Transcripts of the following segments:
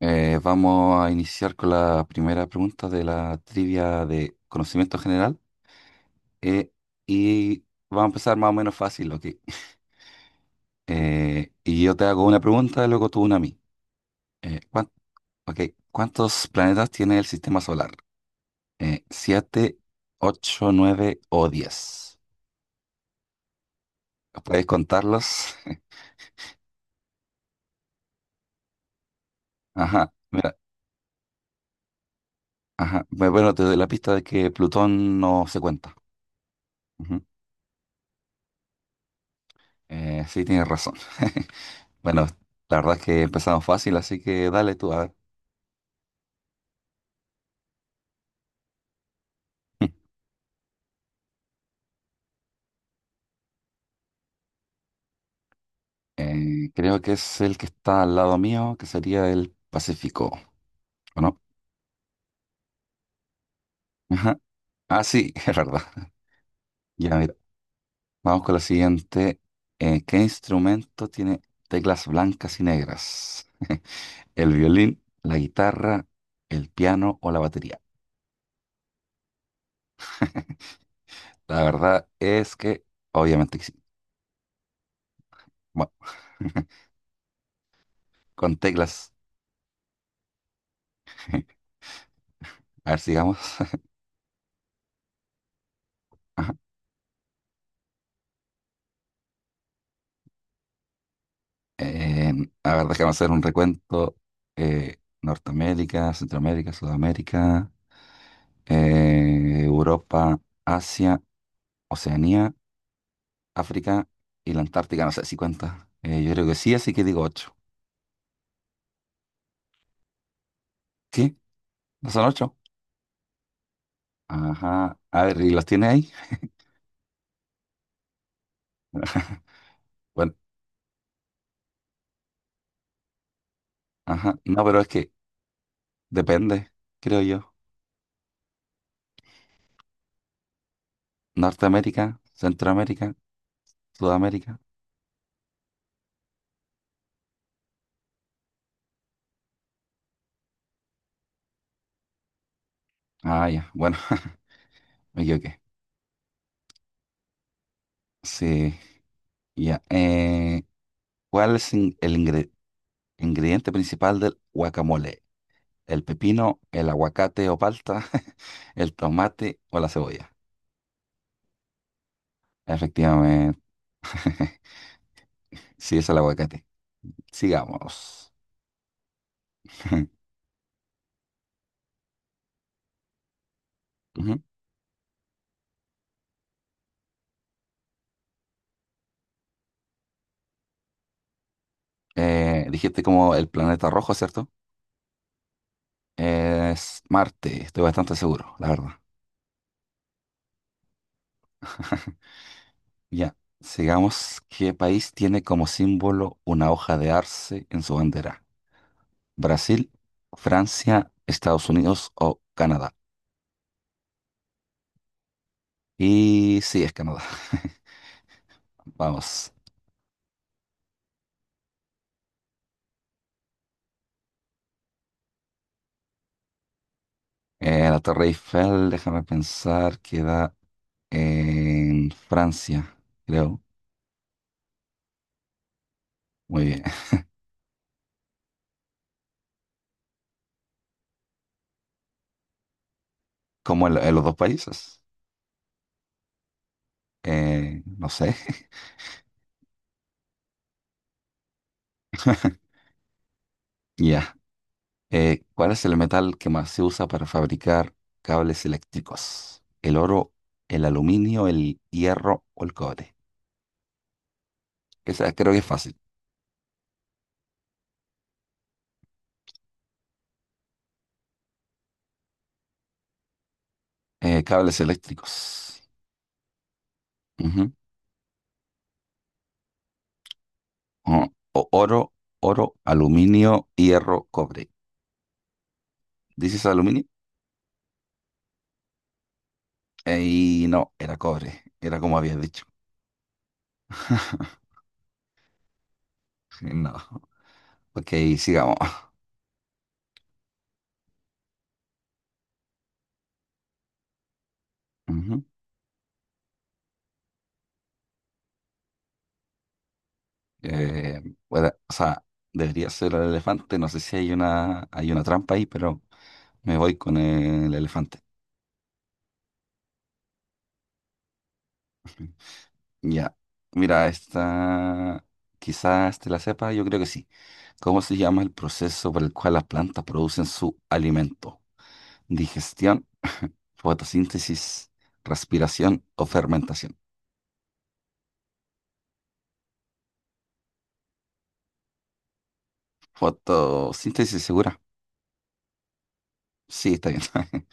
Vamos a iniciar con la primera pregunta de la trivia de conocimiento general. eh, y va a empezar más o menos fácil, ok. Y yo te hago una pregunta, y luego tú una a mí. Eh, ¿cuán- ok, ¿Cuántos planetas tiene el sistema solar? ¿Siete, ocho, nueve o 10? ¿Puedes contarlos? Ajá, mira, ajá. Bueno, te doy la pista de que Plutón no se cuenta. Ujú. Sí, tienes razón. Bueno, la verdad es que empezamos fácil, así que dale tú, a ver. Creo que es el que está al lado mío, que sería el Pacífico, ¿o no? Ajá. Ah, sí, es verdad. Ya, mira, vamos con la siguiente. ¿Qué instrumento tiene teclas blancas y negras? ¿El violín, la guitarra, el piano o la batería? La verdad es que, obviamente que sí. Bueno, con teclas. A ver, sigamos. Eh, a ver, déjame hacer un recuento. Norteamérica, Centroamérica, Sudamérica, Europa, Asia, Oceanía, África y la Antártica. No sé si cuenta. Yo creo que sí, así que digo ocho. ¿Sí? ¿No son ocho? Ajá. A ver, ¿y los tiene ahí? Bueno, ajá. No, pero es que depende, creo yo. Norteamérica, Centroamérica, Sudamérica. Ah, ya. Bueno, me equivoqué. Sí, ya. ¿Cuál es el ingrediente? Ingrediente principal del guacamole. El pepino, el aguacate o palta, el tomate o la cebolla. Efectivamente. Sí, es el aguacate. Sigamos. Ujú. Dijiste como el planeta rojo, ¿cierto? Es Marte, estoy bastante seguro, la verdad. Ya, sigamos. ¿Qué país tiene como símbolo una hoja de arce en su bandera? ¿Brasil, Francia, Estados Unidos o Canadá? Y sí, es Canadá. Vamos. La Torre Eiffel, déjame pensar, queda en Francia, creo. Muy bien. ¿Cómo en los dos países? No sé. Ya. ¿Cuál es el metal que más se usa para fabricar cables eléctricos? ¿El oro, el aluminio, el hierro o el cobre? Esa creo que es fácil. Cables eléctricos. Ujú. O- o- oro, oro, aluminio, hierro, cobre. ¿Dices aluminio? Y no, era cobre, era como habías dicho. No, ok, sigamos. Ujú. Eh, bueno, o sea, debería ser el elefante, no sé si hay una trampa ahí, pero me voy con el elefante. Ya, mira, esta quizás te la sepa, yo creo que sí. ¿Cómo se llama el proceso por el cual las plantas producen su alimento? Digestión, fotosíntesis, respiración o fermentación. Fotosíntesis segura. Sí, está bien.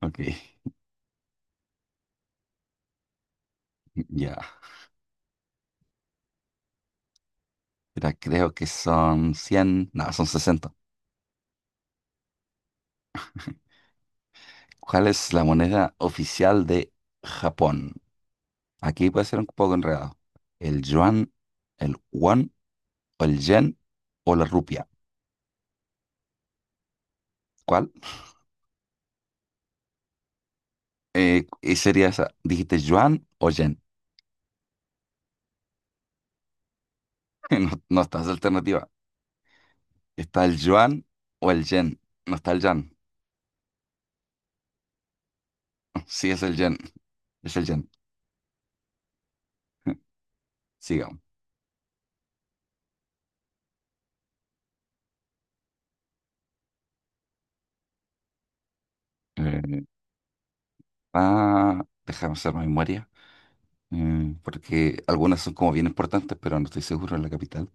Ok, ya. Mira, creo que son 100, no, son 60. ¿Cuál es la moneda oficial de Japón? Aquí puede ser un poco enredado. ¿El yuan, el won o el yen o la rupia? ¿Cuál? Y sería esa. ¿Dijiste yuan o yen? No, no está esa alternativa. ¿Está el yuan o el yen? No está el yan. Sí, es el yen. Es el yen. Sigamos. Eh, Déjame hacer más memoria, porque algunas son como bien importantes, pero no estoy seguro en la capital.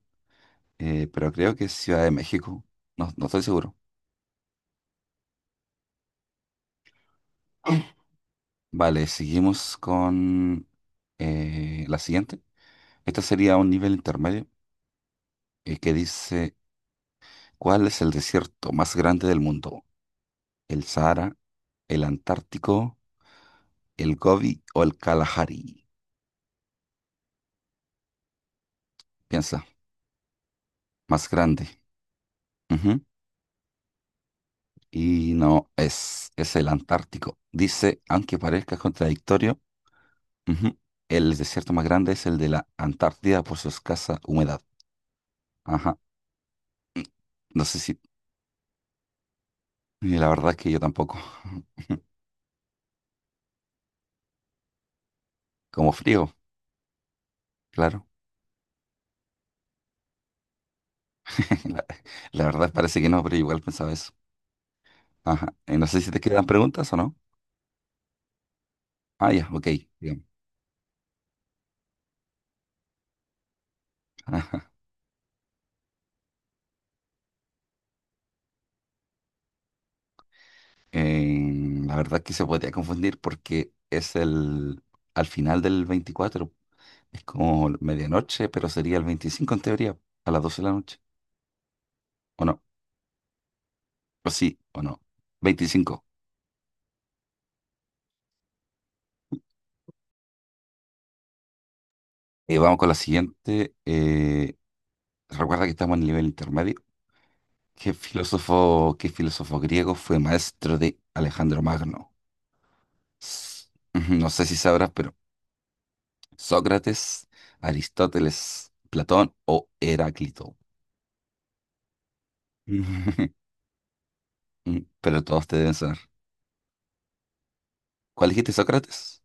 Pero creo que es Ciudad de México. No, no estoy seguro. Vale, seguimos con la siguiente. Esta sería un nivel intermedio que dice, ¿cuál es el desierto más grande del mundo? ¿El Sahara, el Antártico, el Gobi o el Kalahari? Piensa, más grande. Y no, es el Antártico. Dice, aunque parezca contradictorio, ujú, el desierto más grande es el de la Antártida por su escasa humedad. Ajá. No sé si, y la verdad es que yo tampoco. Como frío, claro. La, la verdad parece que no, pero igual pensaba eso. Ajá. No sé si te quedan preguntas o no. Ah, ya, ok. Bien. Ajá. La verdad es que se podría confundir porque es el al final del 24. Es como medianoche, pero sería el 25 en teoría, a las 12 de la noche. ¿O no? ¿O sí? ¿O no? 25. Vamos con la siguiente. Recuerda que estamos en el nivel intermedio. ¿Qué filósofo griego fue maestro de Alejandro Magno? S- Ujú, no sé si sabrás, pero Sócrates, Aristóteles, Platón o Heráclito. Pero todos te deben saber. ¿Cuál dijiste, Sócrates?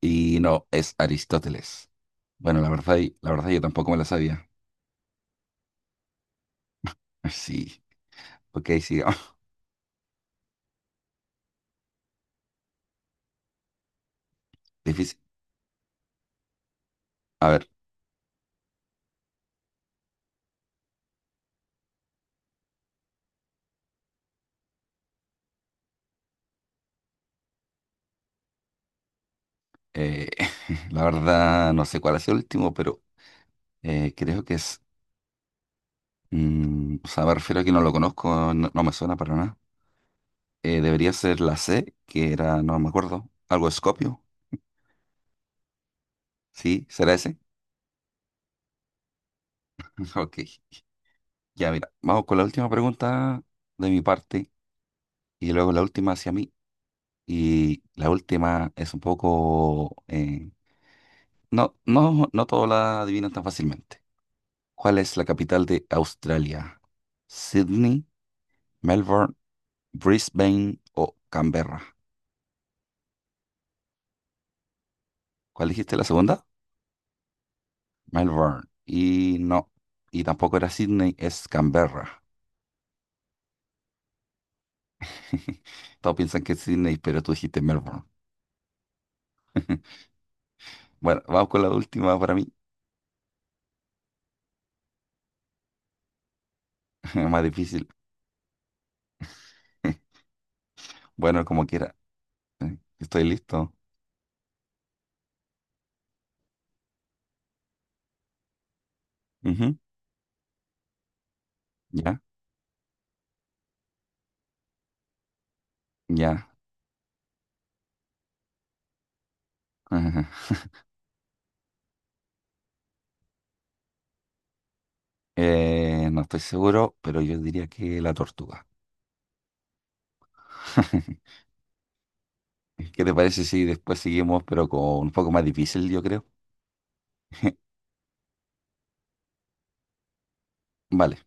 Y no, es Aristóteles. Bueno, la verdad, la verdad yo tampoco me la sabía. Sí, ok, sí. Difícil. A ver, eh, la verdad no sé cuál ha sido el último, pero creo que es, o sea, me refiero a que no lo conozco, no, no me suena para nada. Debería ser la C, que era, no me acuerdo, algo Escopio. Sí, ¿será ese? Ok, ya mira, vamos con la última pregunta de mi parte y luego la última hacia mí. Y la última es un poco, no, no, no todos la adivinan tan fácilmente. ¿Cuál es la capital de Australia? ¿Sydney, Melbourne, Brisbane o Canberra? ¿Cuál dijiste la segunda? Melbourne. Y no, y tampoco era Sydney, es Canberra. Todos piensan que es Sydney, pero tú dijiste Melbourne. Bueno, vamos con la última para mí, más difícil. Bueno, como quiera, estoy listo. Ujú, ya, ya. No estoy seguro, pero yo diría que la tortuga. ¿Qué te parece si después seguimos, pero con un poco más difícil, yo creo? Vale.